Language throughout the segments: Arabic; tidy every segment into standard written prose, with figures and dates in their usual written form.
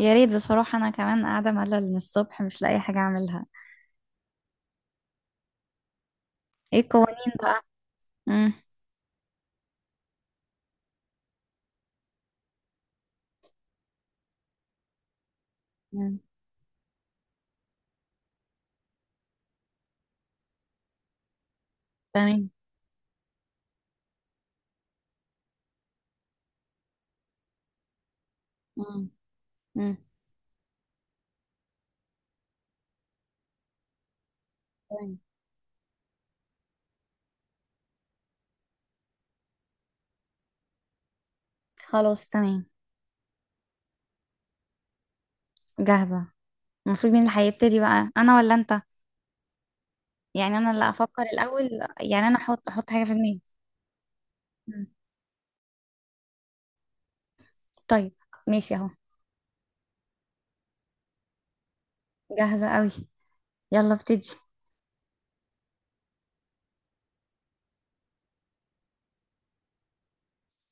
يا ريت بصراحة أنا كمان قاعدة ملل من الصبح مش لاقي حاجة أعملها. إيه القوانين بقى؟ مم. مم. تمام. مم. مم. تمام. خلاص تمام. جاهزة. المفروض مين اللي هيبتدي بقى، أنا ولا أنت؟ يعني أنا اللي أفكر الأول، يعني أنا أحط حاجة في دماغي. مم. طيب. ماشي أهو. جاهزة أوي. يلا ابتدي.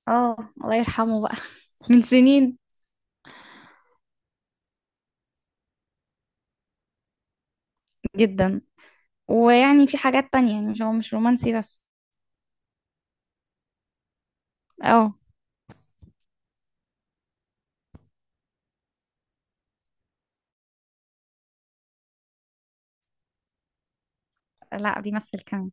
اه. الله يرحمه بقى. من سنين. جدا. ويعني في حاجات تانية، يعني مش هو مش رومانسي بس. اه. لا بيمثل كمان.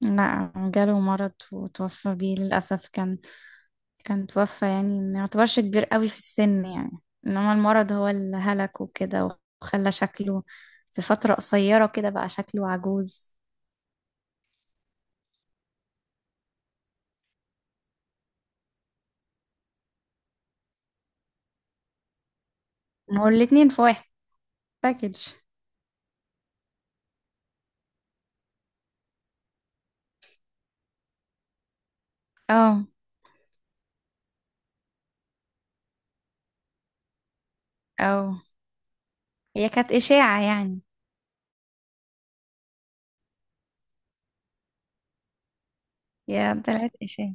لا جاله مرض وتوفى بيه للأسف. كان توفى، يعني ما يعتبرش كبير قوي في السن يعني. إنما المرض هو اللي هلكه كده وخلى شكله في فترة قصيرة كده بقى شكله عجوز. ما هو الاتنين في واحد. باكج. اه. اه. هي كانت إشاعة يعني. هي طلعت إشاعة.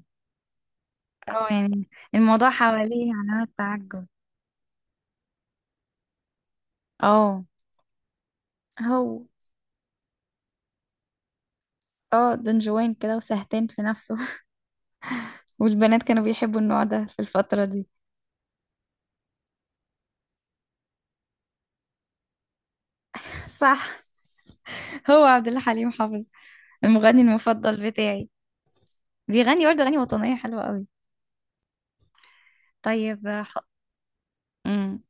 اه يعني الموضوع حواليه علامات تعجب. اه. هو اه دون جوان كده وسهتان في نفسه. والبنات كانوا بيحبوا النوع ده في الفترة دي. صح. هو عبد الله حليم حافظ، المغني المفضل بتاعي. بيغني برضه اغاني وطنيه حلوه قوي. طيب مم.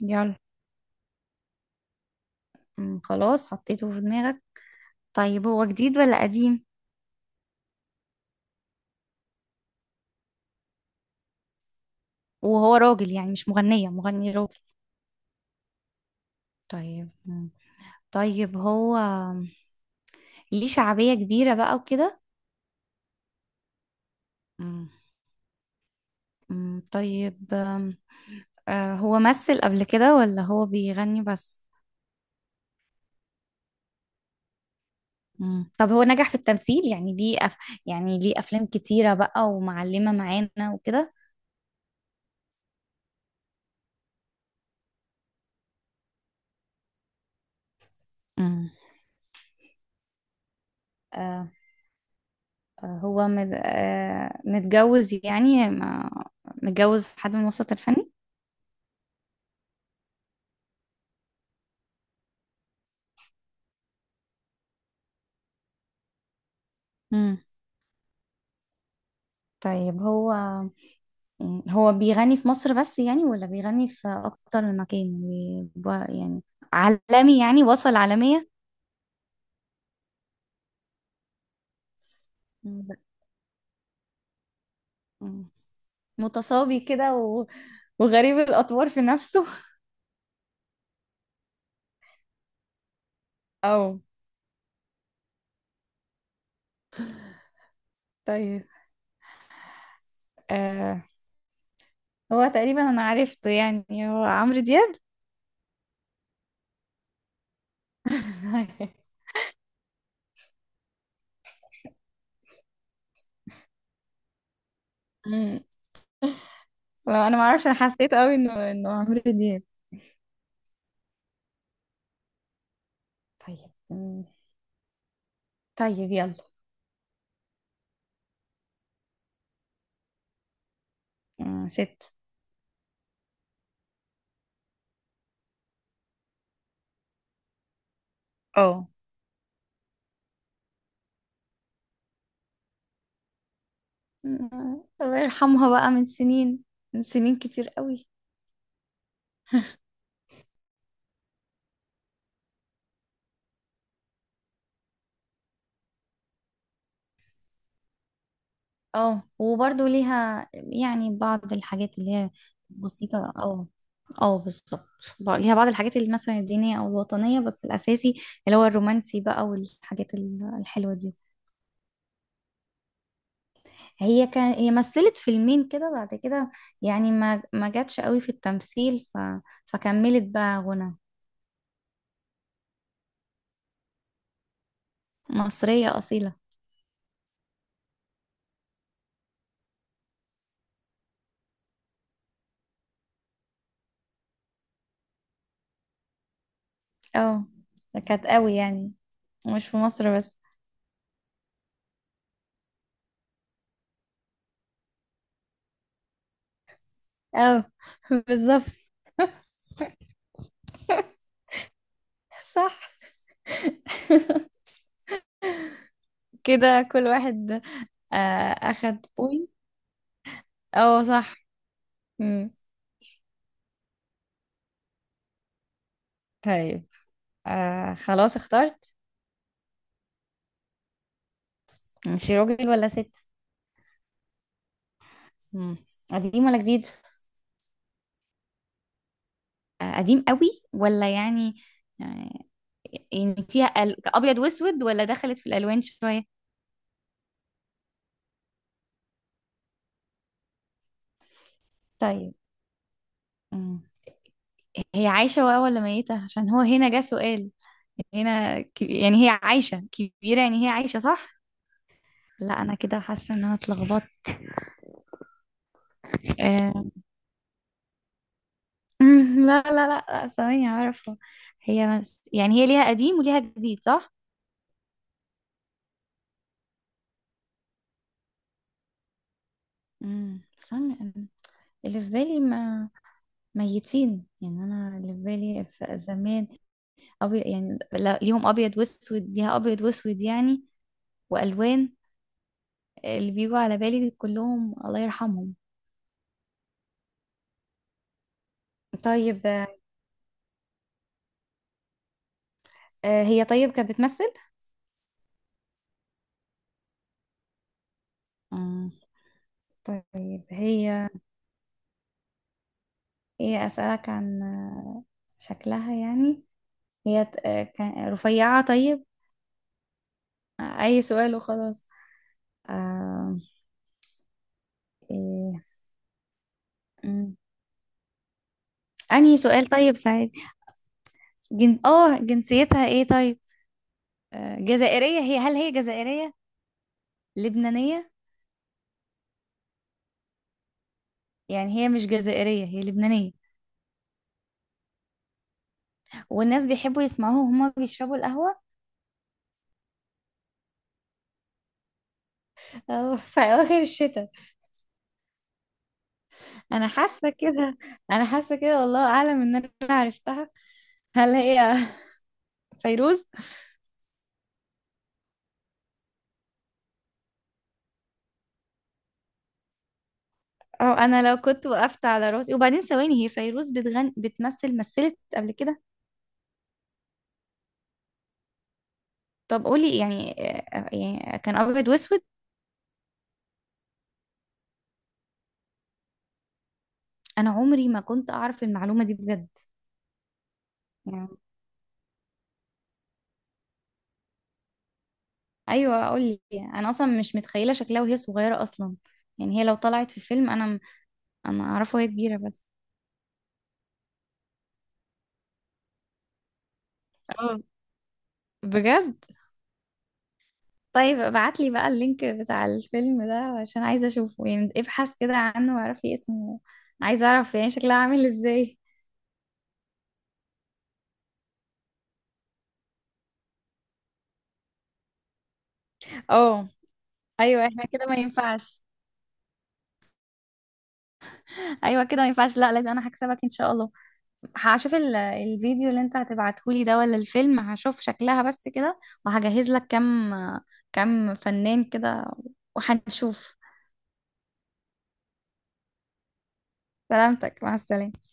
يلا. مم. خلاص حطيته في دماغك. طيب هو جديد ولا قديم؟ وهو راجل يعني، مش مغنيه، مغني راجل. طيب. مم. طيب هو ليه شعبيه كبيره بقى وكده. مم. مم. طيب هو مثل قبل كده ولا هو بيغني بس؟ مم. طب هو نجح في التمثيل، يعني ليه يعني ليه أفلام كتيرة بقى ومعلمة معانا وكده. مم. آه هو متجوز، يعني ما... متجوز حد من الوسط الفني. مم. طيب هو بيغني في مصر بس يعني، ولا بيغني في أكتر من مكان؟ يعني يعني عالمي، يعني وصل عالمية. مم، لا. مم. متصابي كده وغريب الأطوار في نفسه. أو طيب. آه هو تقريبا انا عرفته، يعني هو عمرو دياب. امم لو انا ما اعرفش، انا حسيت قوي انه عمرو دياب. طيب أمم، طيب يلا. ست. اه. أمم، الله يرحمها بقى من سنين، من سنين كتير قوي. اه وبرضه ليها يعني بعض الحاجات اللي هي بسيطة. اه. اه بالظبط. ليها بعض الحاجات اللي مثلا الدينية او الوطنية، بس الاساسي اللي هو الرومانسي بقى والحاجات الحلوة دي. هي مثلت فيلمين كده بعد كده، يعني ما جاتش قوي في التمثيل فكملت بقى غنى. مصرية أصيلة. اه كانت قوي يعني، مش في مصر بس. اه. بالظبط. صح. كده كل واحد. آه أخد بوينت. اه صح. مم. طيب خلاص اخترت. ماشي راجل ولا ست؟ مم. قديم ولا جديد؟ قديم قوي ولا يعني آه، يعني فيها ابيض واسود ولا دخلت في الالوان شويه؟ طيب. مم. هي عايشه بقى ولا ميته؟ عشان هو هنا جه سؤال. هنا يعني هي عايشه كبيره، يعني هي عايشه صح. لا انا كده حاسه ان انا اتلخبطت. آه. مم، لا لا لا لا، ثواني عارفه. هي يعني هي ليها قديم وليها جديد صح. استنى اللي في بالي ما ميتين، يعني انا اللي في بالي في زمان يعني لا... ليهم ابيض واسود ليها ابيض واسود يعني، والوان. اللي بيجوا على بالي كلهم الله يرحمهم. طيب هي طيب كانت بتمثل. مم. طيب هي هي أسألك عن شكلها يعني. هي رفيعة. طيب أي سؤال وخلاص. آه، إيه. مم. أنهي سؤال طيب سعيد. اه جنسيتها ايه طيب. جزائرية هي هل هي جزائرية؟ لبنانية. يعني هي مش جزائرية، هي لبنانية. والناس بيحبوا يسمعوها وهما بيشربوا القهوة في أواخر الشتاء. انا حاسه كده. انا حاسه كده، والله اعلم ان انا عرفتها. هل هي فيروز؟ او انا لو كنت وقفت على راسي وبعدين ثواني، هي فيروز بتغن، بتمثل، مثلت قبل كده. طب قولي يعني يعني كان ابيض واسود. انا عمري ما كنت اعرف المعلومه دي بجد. يعني ايوه قولي، انا اصلا مش متخيله شكلها وهي صغيره اصلا، يعني هي لو طلعت في فيلم انا اعرفه وهي كبيره بس. اه بجد. طيب ابعتلي بقى اللينك بتاع الفيلم ده، عشان عايزة اشوفه، يعني ابحث كده عنه واعرفي اسمه. عايزة اعرف يعني شكله عامل ازاي. اه. ايوه احنا كده ما ينفعش. ايوه كده ما ينفعش، لا لازم انا هكسبك ان شاء الله. هشوف الفيديو اللي انت هتبعتهولي ده، ولا الفيلم. هشوف شكلها بس كده وهجهز لك كم فنان كده، وهنشوف. سلامتك، مع السلامة.